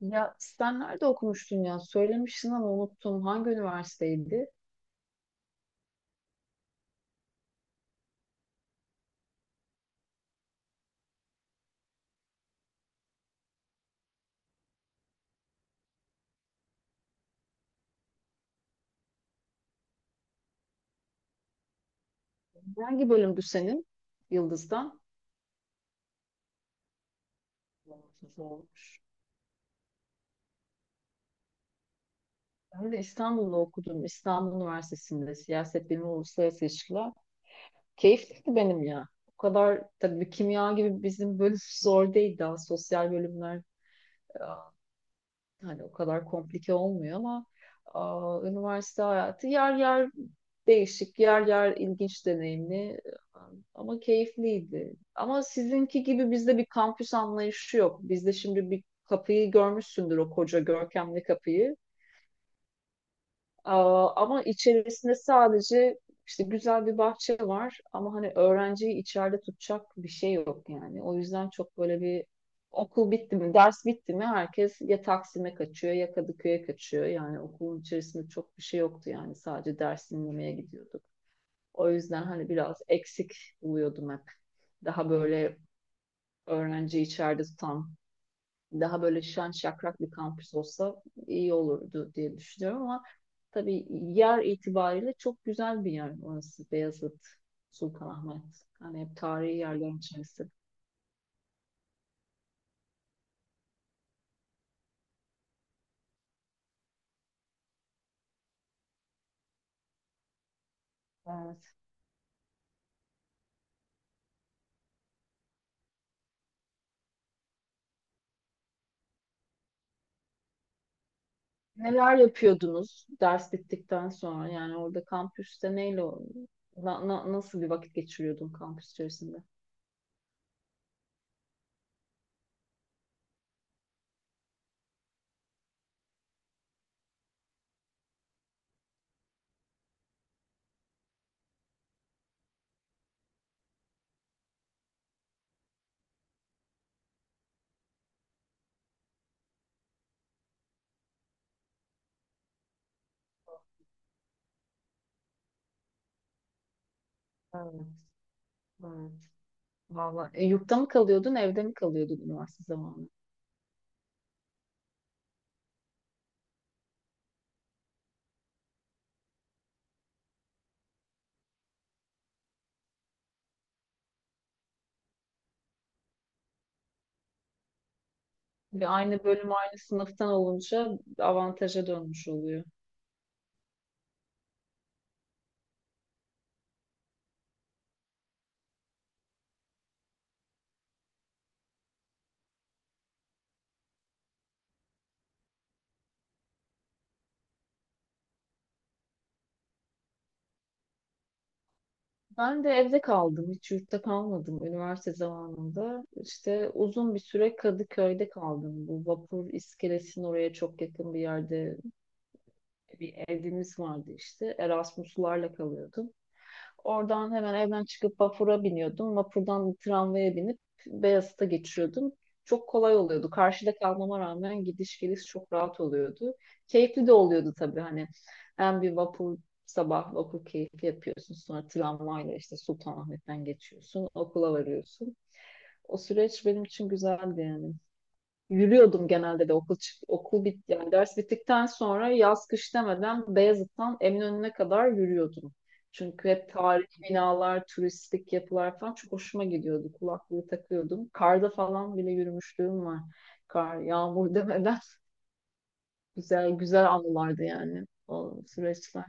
Ya sen nerede okumuştun ya? Söylemiştin ama unuttum. Hangi üniversiteydi? Hangi bölümdü senin? Yıldız'dan. Yıldız olmuş. Ben de İstanbul'da okudum. İstanbul Üniversitesi'nde siyaset bilimi uluslararası ilişkiler. Keyifliydi benim ya. O kadar tabii kimya gibi bizim bölüm zor değil daha sosyal bölümler. e, Hani o kadar komplike olmuyor ama üniversite hayatı yer yer değişik, yer yer ilginç deneyimli ama keyifliydi. Ama sizinki gibi bizde bir kampüs anlayışı yok. Bizde şimdi bir kapıyı görmüşsündür, o koca görkemli kapıyı. Ama içerisinde sadece işte güzel bir bahçe var ama hani öğrenciyi içeride tutacak bir şey yok yani. O yüzden çok böyle bir, okul bitti mi, ders bitti mi herkes ya Taksim'e kaçıyor ya Kadıköy'e kaçıyor. Yani okulun içerisinde çok bir şey yoktu yani, sadece ders dinlemeye gidiyorduk. O yüzden hani biraz eksik buluyordum hep. Daha böyle öğrenciyi içeride tutan, daha böyle şen şakrak bir kampüs olsa iyi olurdu diye düşünüyorum ama tabii yer itibariyle çok güzel bir yer orası, Beyazıt, Sultanahmet. Hani hep tarihi yerlerin içerisinde. Evet. Neler yapıyordunuz ders bittikten sonra? Yani orada kampüste neyle nasıl bir vakit geçiriyordun kampüs içerisinde? Evet, evet. Vallahi E, yurtta mı kalıyordun, evde mi kalıyordun üniversite zamanı? Ve aynı bölüm aynı sınıftan olunca avantaja dönmüş oluyor. Ben de evde kaldım. Hiç yurtta kalmadım üniversite zamanında. İşte uzun bir süre Kadıköy'de kaldım. Bu vapur iskelesinin oraya çok yakın bir yerde bir evimiz vardı işte. Erasmuslarla kalıyordum. Oradan hemen evden çıkıp vapura biniyordum. Vapurdan tramvaya binip Beyazıt'a geçiyordum. Çok kolay oluyordu. Karşıda kalmama rağmen gidiş geliş çok rahat oluyordu. Keyifli de oluyordu tabii hani. Hem bir vapur, sabah vapur keyfi yapıyorsun. Sonra tramvayla işte Sultanahmet'ten geçiyorsun. Okula varıyorsun. O süreç benim için güzeldi yani. Yürüyordum genelde de, okul çık okul bit yani ders bittikten sonra yaz kış demeden Beyazıt'tan Eminönü'ne kadar yürüyordum. Çünkü hep tarihi binalar, turistik yapılar falan çok hoşuma gidiyordu. Kulaklığı takıyordum. Karda falan bile yürümüşlüğüm var. Kar, yağmur demeden güzel güzel anılardı yani o süreçler.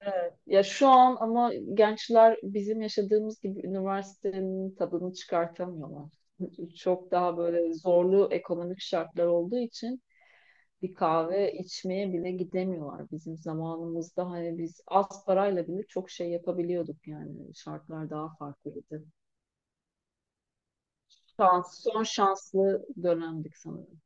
Evet. Ya şu an ama gençler bizim yaşadığımız gibi üniversitenin tadını çıkartamıyorlar. Çok daha böyle zorlu ekonomik şartlar olduğu için bir kahve içmeye bile gidemiyorlar bizim zamanımızda. Hani biz az parayla bile çok şey yapabiliyorduk yani, şartlar daha farklıydı. Son şanslı dönemdik sanırım.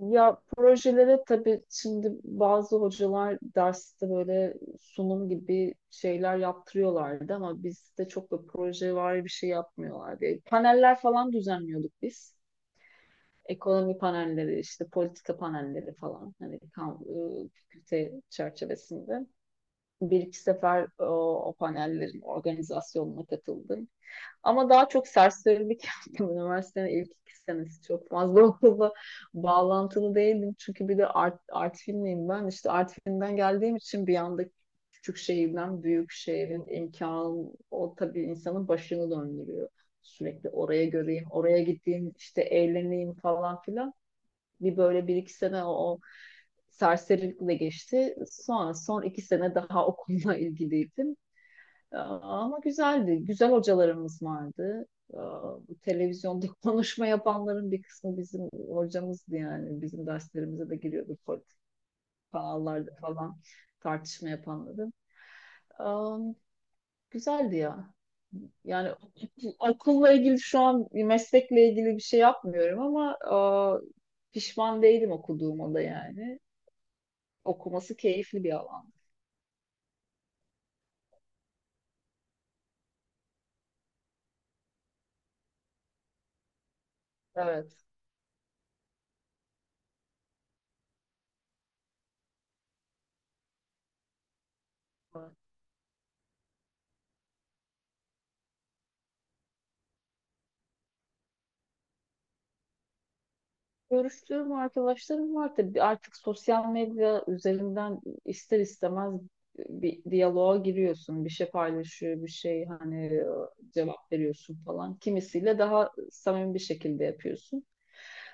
Ya projelere tabii şimdi bazı hocalar derste böyle sunum gibi şeyler yaptırıyorlardı ama bizde çok da proje var bir şey yapmıyorlardı. E, paneller falan düzenliyorduk biz. Ekonomi panelleri, işte politika panelleri falan, hani fakülte çerçevesinde bir iki sefer o panellerin organizasyonuna katıldım. Ama daha çok serserilik yaptım. Üniversitenin ilk iki senesi çok fazla okulla bağlantılı değildim. Çünkü bir de art filmliyim ben. İşte art filmden geldiğim için bir anda küçük şehirden büyük şehrin imkanı, o tabii insanın başını döndürüyor. Sürekli oraya göreyim, oraya gideyim, işte eğleneyim falan filan, bir böyle bir iki sene o serserilikle geçti. Sonra son iki sene daha okulla ilgiliydim. Ama güzeldi. Güzel hocalarımız vardı. Bu televizyonda konuşma yapanların bir kısmı bizim hocamızdı yani. Bizim derslerimize de giriyordu, kanallarda falan tartışma yapanları. Güzeldi ya. Yani okulla ilgili şu an meslekle ilgili bir şey yapmıyorum ama pişman değilim okuduğuma da yani. Okuması keyifli bir alan. Evet, evet. Görüştüğüm arkadaşlarım var tabii, artık sosyal medya üzerinden ister istemez bir diyaloğa giriyorsun. Bir şey paylaşıyor, bir şey hani cevap veriyorsun falan. Kimisiyle daha samimi bir şekilde yapıyorsun.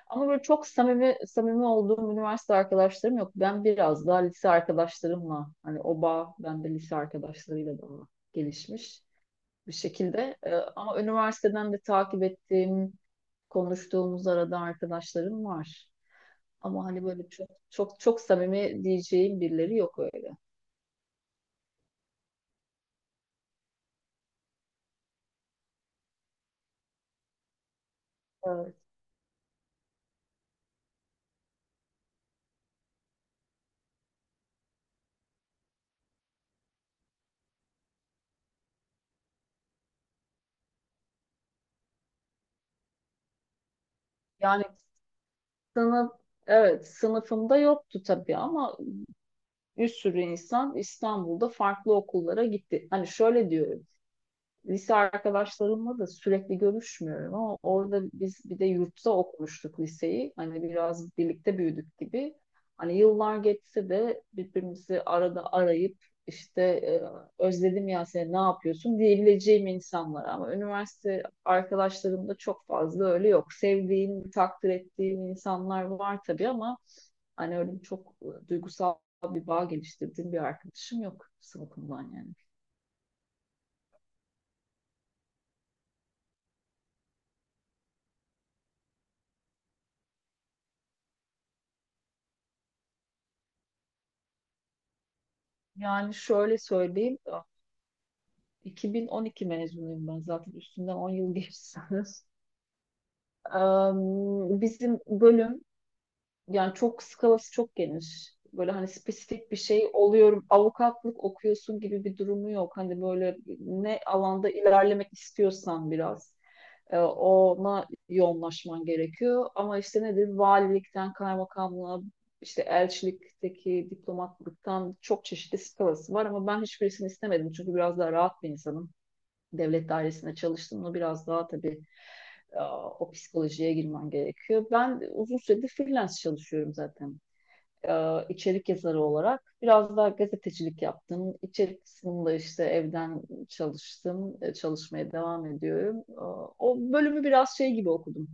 Ama böyle çok samimi samimi olduğum üniversite arkadaşlarım yok. Ben biraz daha lise arkadaşlarımla, hani o bağ bende lise arkadaşlarıyla daha gelişmiş bir şekilde. E, ama üniversiteden de takip ettiğim, konuştuğumuz arada arkadaşlarım var. Ama hani böyle çok çok çok samimi diyeceğim birileri yok öyle. Evet. Yani sınıf, evet sınıfımda yoktu tabii ama bir sürü insan İstanbul'da farklı okullara gitti. Hani şöyle diyorum, lise arkadaşlarımla da sürekli görüşmüyorum ama orada biz bir de yurtta okumuştuk liseyi. Hani biraz birlikte büyüdük gibi. Hani yıllar geçse de birbirimizi arada arayıp işte özledim ya seni, ne yapıyorsun diyebileceğim insanlar ama üniversite arkadaşlarımda çok fazla öyle yok. Sevdiğim, takdir ettiğim insanlar var tabii ama hani öyle çok duygusal bir bağ geliştirdiğim bir arkadaşım yok sınıfımdan yani. Yani şöyle söyleyeyim, 2012 mezunuyum ben, zaten üstünden 10 yıl geçsiniz. Bizim bölüm yani, çok geniş. Böyle hani spesifik bir şey oluyorum. Avukatlık okuyorsun gibi bir durumu yok. Hani böyle ne alanda ilerlemek istiyorsan biraz ona yoğunlaşman gerekiyor. Ama işte nedir? Valilikten kaymakamlığa, işte elçilikteki diplomatlıktan, çok çeşitli skalası var ama ben hiçbirisini istemedim çünkü biraz daha rahat bir insanım. Devlet dairesinde çalıştım mı biraz daha tabii e, o psikolojiye girmen gerekiyor. Ben uzun süredir freelance çalışıyorum zaten. E, içerik yazarı olarak biraz daha gazetecilik yaptım. İçerik kısmında işte evden çalıştım. E, çalışmaya devam ediyorum. E, o bölümü biraz şey gibi okudum.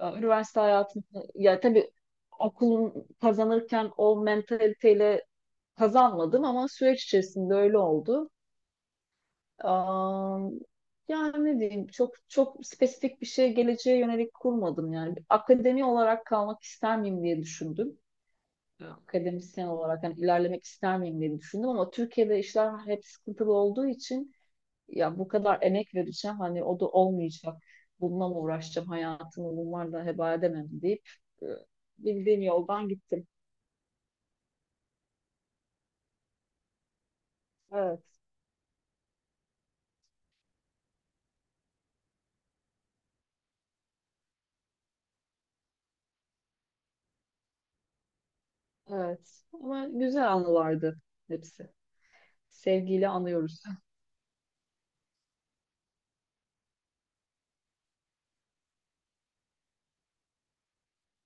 E, üniversite hayatında ya tabii okulun kazanırken o mentaliteyle kazanmadım ama süreç içerisinde öyle oldu. Am, Yani ne diyeyim, çok çok spesifik bir şey geleceğe yönelik kurmadım yani. Akademi olarak kalmak ister miyim diye düşündüm. Akademisyen olarak hani ilerlemek ister miyim diye düşündüm ama Türkiye'de işler hep sıkıntılı olduğu için, ya bu kadar emek vereceğim hani o da olmayacak. Bununla mı uğraşacağım, hayatımı bunlarla heba edemem deyip e, bildiğim yoldan gittim. Evet, evet. Ama güzel anılardı hepsi. Sevgiyle anıyoruz.